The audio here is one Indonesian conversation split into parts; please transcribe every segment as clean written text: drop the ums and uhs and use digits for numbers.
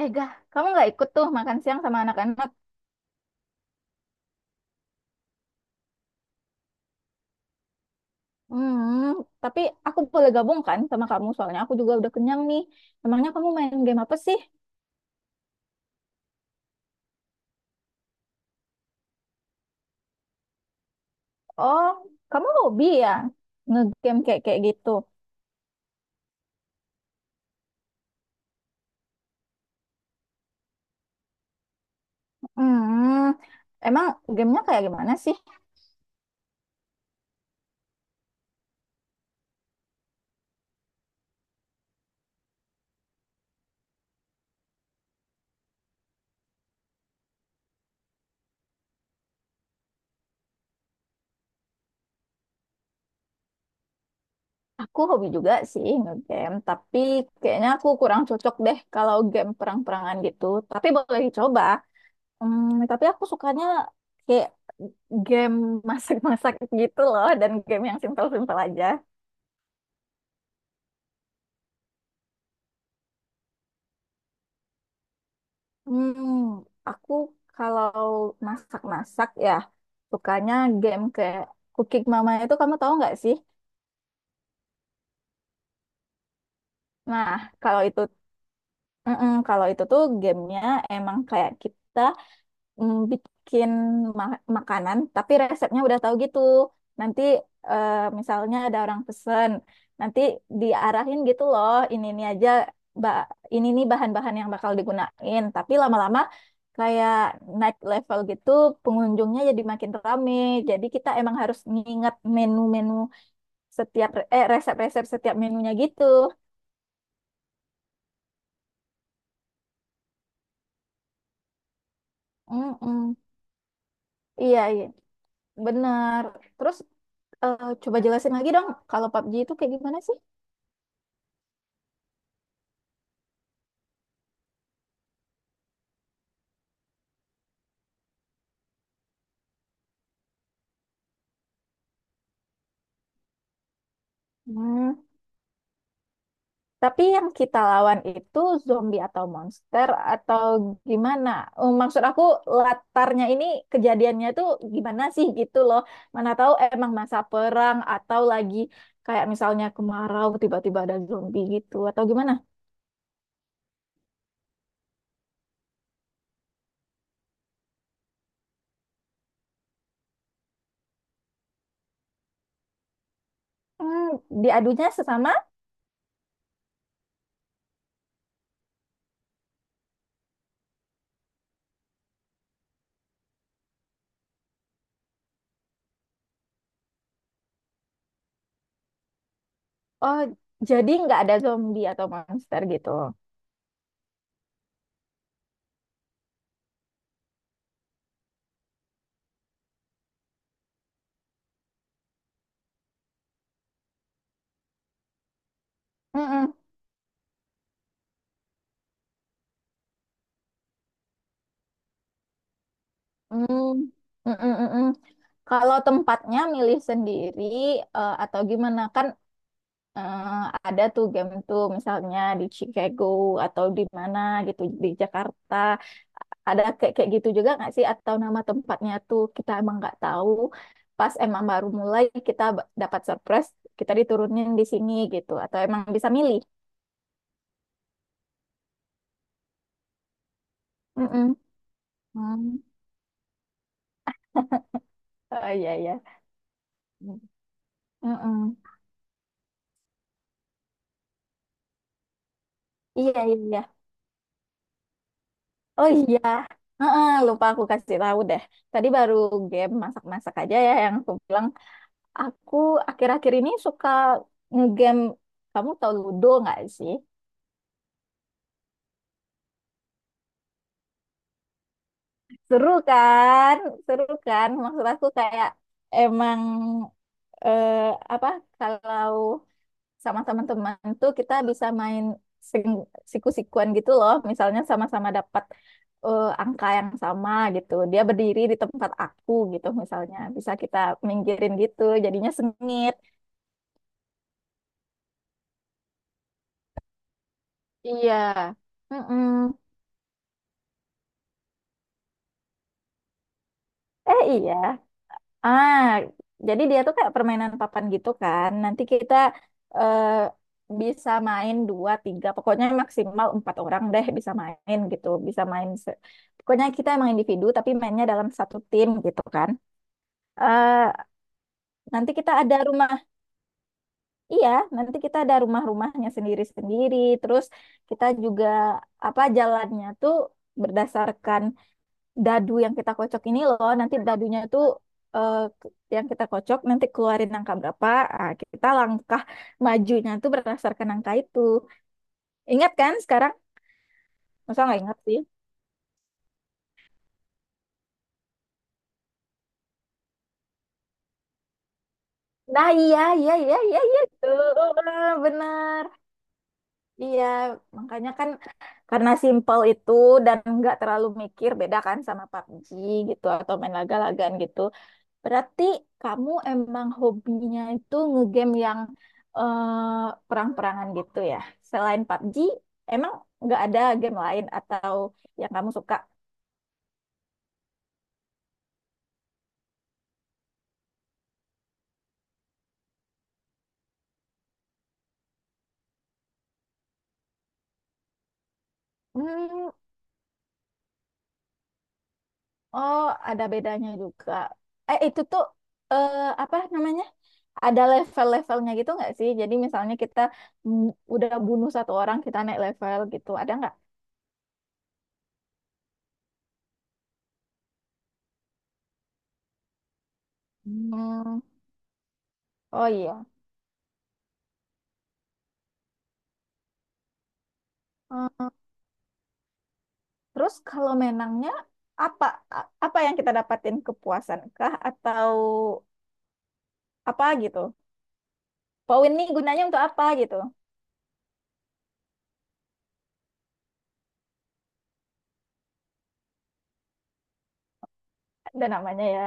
Eh, Gah, kamu nggak ikut tuh makan siang sama anak-anak? Hmm, tapi aku boleh gabung kan sama kamu, soalnya aku juga udah kenyang nih. Emangnya kamu main game apa sih? Oh, kamu hobi ya? Ngegame kayak kayak gitu. Hmm, emang gamenya kayak gimana sih? Aku hobi juga sih ngegame, tapi kayaknya aku kurang cocok deh kalau game perang-perangan gitu. Tapi boleh dicoba. Hmm, tapi aku sukanya kayak game masak-masak gitu loh, dan game yang simpel-simpel aja. Hmm, aku kalau masak-masak ya sukanya game kayak Cooking Mama, itu kamu tahu nggak sih? Nah, kalau itu, Mm-mm, kalau itu tuh gamenya emang kayak kita bikin makanan, tapi resepnya udah tahu gitu. Nanti eh, misalnya ada orang pesen, nanti diarahin gitu loh, ini aja, ba- ini nih bahan-bahan yang bakal digunain. Tapi lama-lama kayak naik level gitu, pengunjungnya jadi makin rame. Jadi kita emang harus nginget menu-menu setiap resep-resep setiap menunya gitu. Mm-mm. Iya, iya. Benar. Terus coba jelasin lagi dong, kalau PUBG itu kayak gimana sih? Hmm, tapi yang kita lawan itu zombie atau monster atau gimana? Eh, maksud aku latarnya ini, kejadiannya tuh gimana sih gitu loh. Mana tahu emang masa perang atau lagi kayak misalnya kemarau tiba-tiba ada zombie gitu atau gimana? Hmm, diadunya sesama. Oh, jadi nggak ada zombie atau monster gitu. Mm-mm. Hmm, mm, mm, mm, mm. Kalau tempatnya milih sendiri atau gimana kan, eh, ada tuh game tuh misalnya di Chicago atau di mana gitu, di Jakarta, ada kayak kayak gitu juga nggak sih, atau nama tempatnya tuh kita emang nggak tahu pas emang baru mulai, kita dapat surprise, kita diturunin di sini gitu, atau emang bisa milih. Mm, mm. Hmm. Oh iya iya. Mm, mm. Iya iya, iya. Oh iya, heeh, lupa aku kasih tahu deh. Tadi baru game masak-masak aja ya yang aku bilang. Aku akhir-akhir ini suka ngegame. Kamu tahu Ludo nggak sih? Seru kan? Seru kan? Maksud aku kayak emang eh, apa? Kalau sama teman-teman tuh kita bisa main siku-sikuan gitu loh. Misalnya sama-sama dapat angka yang sama gitu. Dia berdiri di tempat aku gitu misalnya. Bisa kita minggirin gitu. Jadinya sengit. Iya. Mm-mm. Eh iya. Ah, jadi dia tuh kayak permainan papan gitu kan. Nanti kita eh, bisa main dua, tiga, pokoknya maksimal empat orang deh bisa main gitu. Bisa main, pokoknya kita emang individu tapi mainnya dalam satu tim gitu kan. Eh, nanti kita ada rumah, iya, nanti kita ada rumah-rumahnya sendiri-sendiri. Terus kita juga apa jalannya tuh berdasarkan dadu yang kita kocok ini loh, nanti dadunya tuh eh, yang kita kocok nanti keluarin angka berapa, kita langkah majunya tuh berdasarkan angka itu. Ingat kan sekarang? Masa nggak ingat sih? Nah iya iya iya iya iya tuh, bener, iya, makanya kan, karena simple itu dan nggak terlalu mikir, beda kan sama PUBG gitu atau main laga-lagaan gitu. Berarti kamu emang hobinya itu ngegame yang eh, perang-perangan gitu ya? Selain PUBG, emang nggak ada game lain atau yang kamu suka? Hmm, oh ada bedanya juga. Eh itu tuh eh, apa namanya? Ada level-levelnya gitu nggak sih? Jadi misalnya kita mm, udah bunuh satu orang, kita naik level gitu, ada nggak? Hmm, oh iya. Terus kalau menangnya apa, apa yang kita dapatin, kepuasan kah atau apa gitu? Poin ini gunanya untuk apa gitu? Ada namanya ya.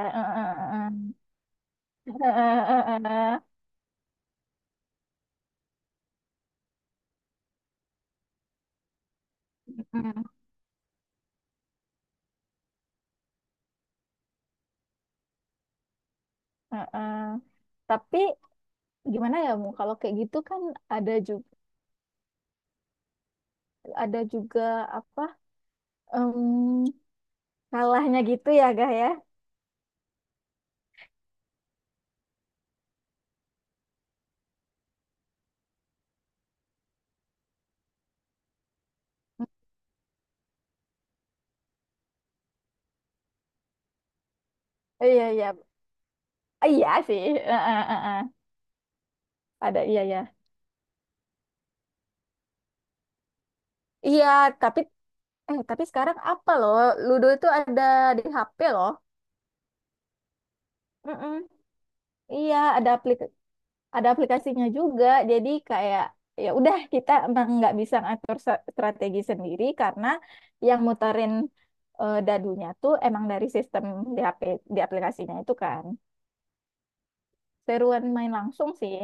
Tapi gimana ya Mu? Kalau kayak gitu kan ada juga, ada juga apa, em, kalahnya gitu ya Gah ya? Iya iya, iya sih. Eh, eh, eh, eh. Ada iya ya. Iya, tapi eh, tapi sekarang apa loh? Ludo itu ada di HP loh. Mm-mm. Iya, ada ada aplikasinya juga. Jadi kayak ya udah, kita emang nggak bisa ngatur strategi sendiri karena yang muterin dadunya tuh emang dari sistem di HP, di aplikasinya itu kan. Seruan main langsung sih.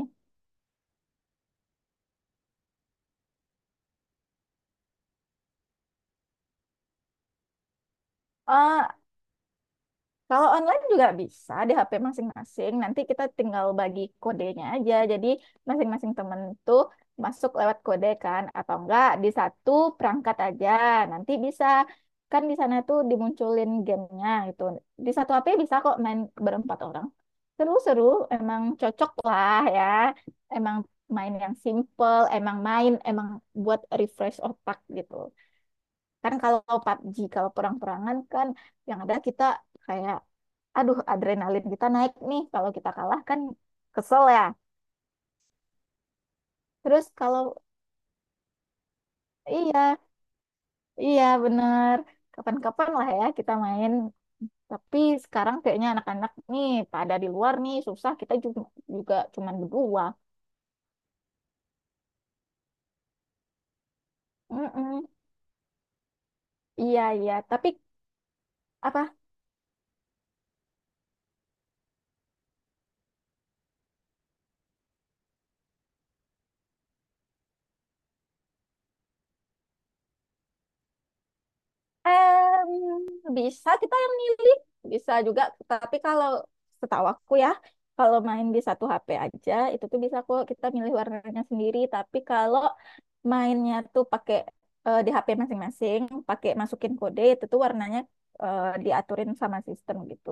Eh, Kalau online juga bisa di HP masing-masing. Nanti kita tinggal bagi kodenya aja. Jadi masing-masing temen tuh masuk lewat kode kan, atau enggak di satu perangkat aja. Nanti bisa kan, di sana tuh dimunculin gamenya gitu. Di satu HP bisa kok main berempat orang. Seru-seru, emang cocok lah ya. Emang main yang simple, emang main, emang buat refresh otak gitu. Kan kalau PUBG, kalau perang-perangan kan yang ada kita kayak, aduh adrenalin kita naik nih. Kalau kita kalah kan kesel ya. Terus kalau, iya, iya bener. Kapan-kapan lah ya kita main. Tapi sekarang kayaknya anak-anak nih pada di luar nih, susah. Kita juga, juga cuman berdua. Mm-mm. Iya, iya. Tapi apa? Eh, bisa kita yang milih, bisa juga. Tapi kalau setahu aku ya, kalau main di satu HP aja, itu tuh bisa kok kita milih warnanya sendiri. Tapi kalau mainnya tuh pakai di HP masing-masing, pakai masukin kode, itu tuh warnanya diaturin sama sistem gitu.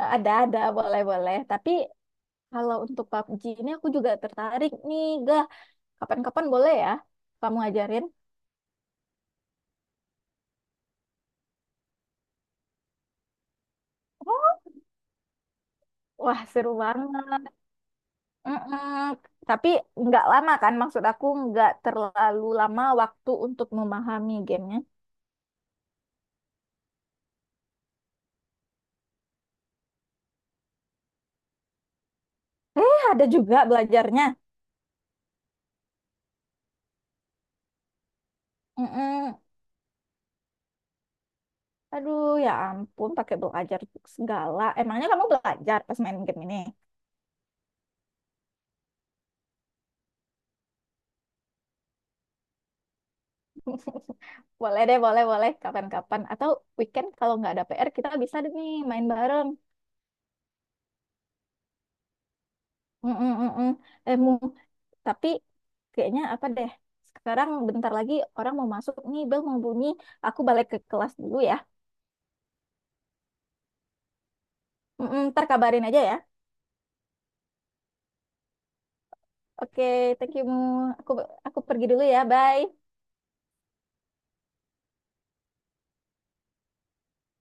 Eh, ada, boleh-boleh. Tapi kalau untuk PUBG ini aku juga tertarik nih, Gah. Kapan-kapan boleh ya kamu ajarin? Oh, wah, seru banget. Mm-mm. Tapi nggak lama kan, maksud aku nggak terlalu lama waktu untuk memahami gamenya. Eh, ada juga belajarnya. Mm-mm. Aduh, ya ampun, pakai belajar segala. Emangnya kamu belajar pas main game ini? Boleh deh, boleh, boleh. Kapan-kapan. Atau weekend kalau nggak ada PR, kita bisa deh nih main bareng. Mm-mm-mm. Eh, Mu, tapi kayaknya apa deh? Sekarang bentar lagi orang mau masuk nih, bel mau bunyi. Aku balik ke kelas dulu ya. Mm-mm, ntar kabarin aja ya. Oke, thank you Mu. Aku aku pergi dulu ya. Bye.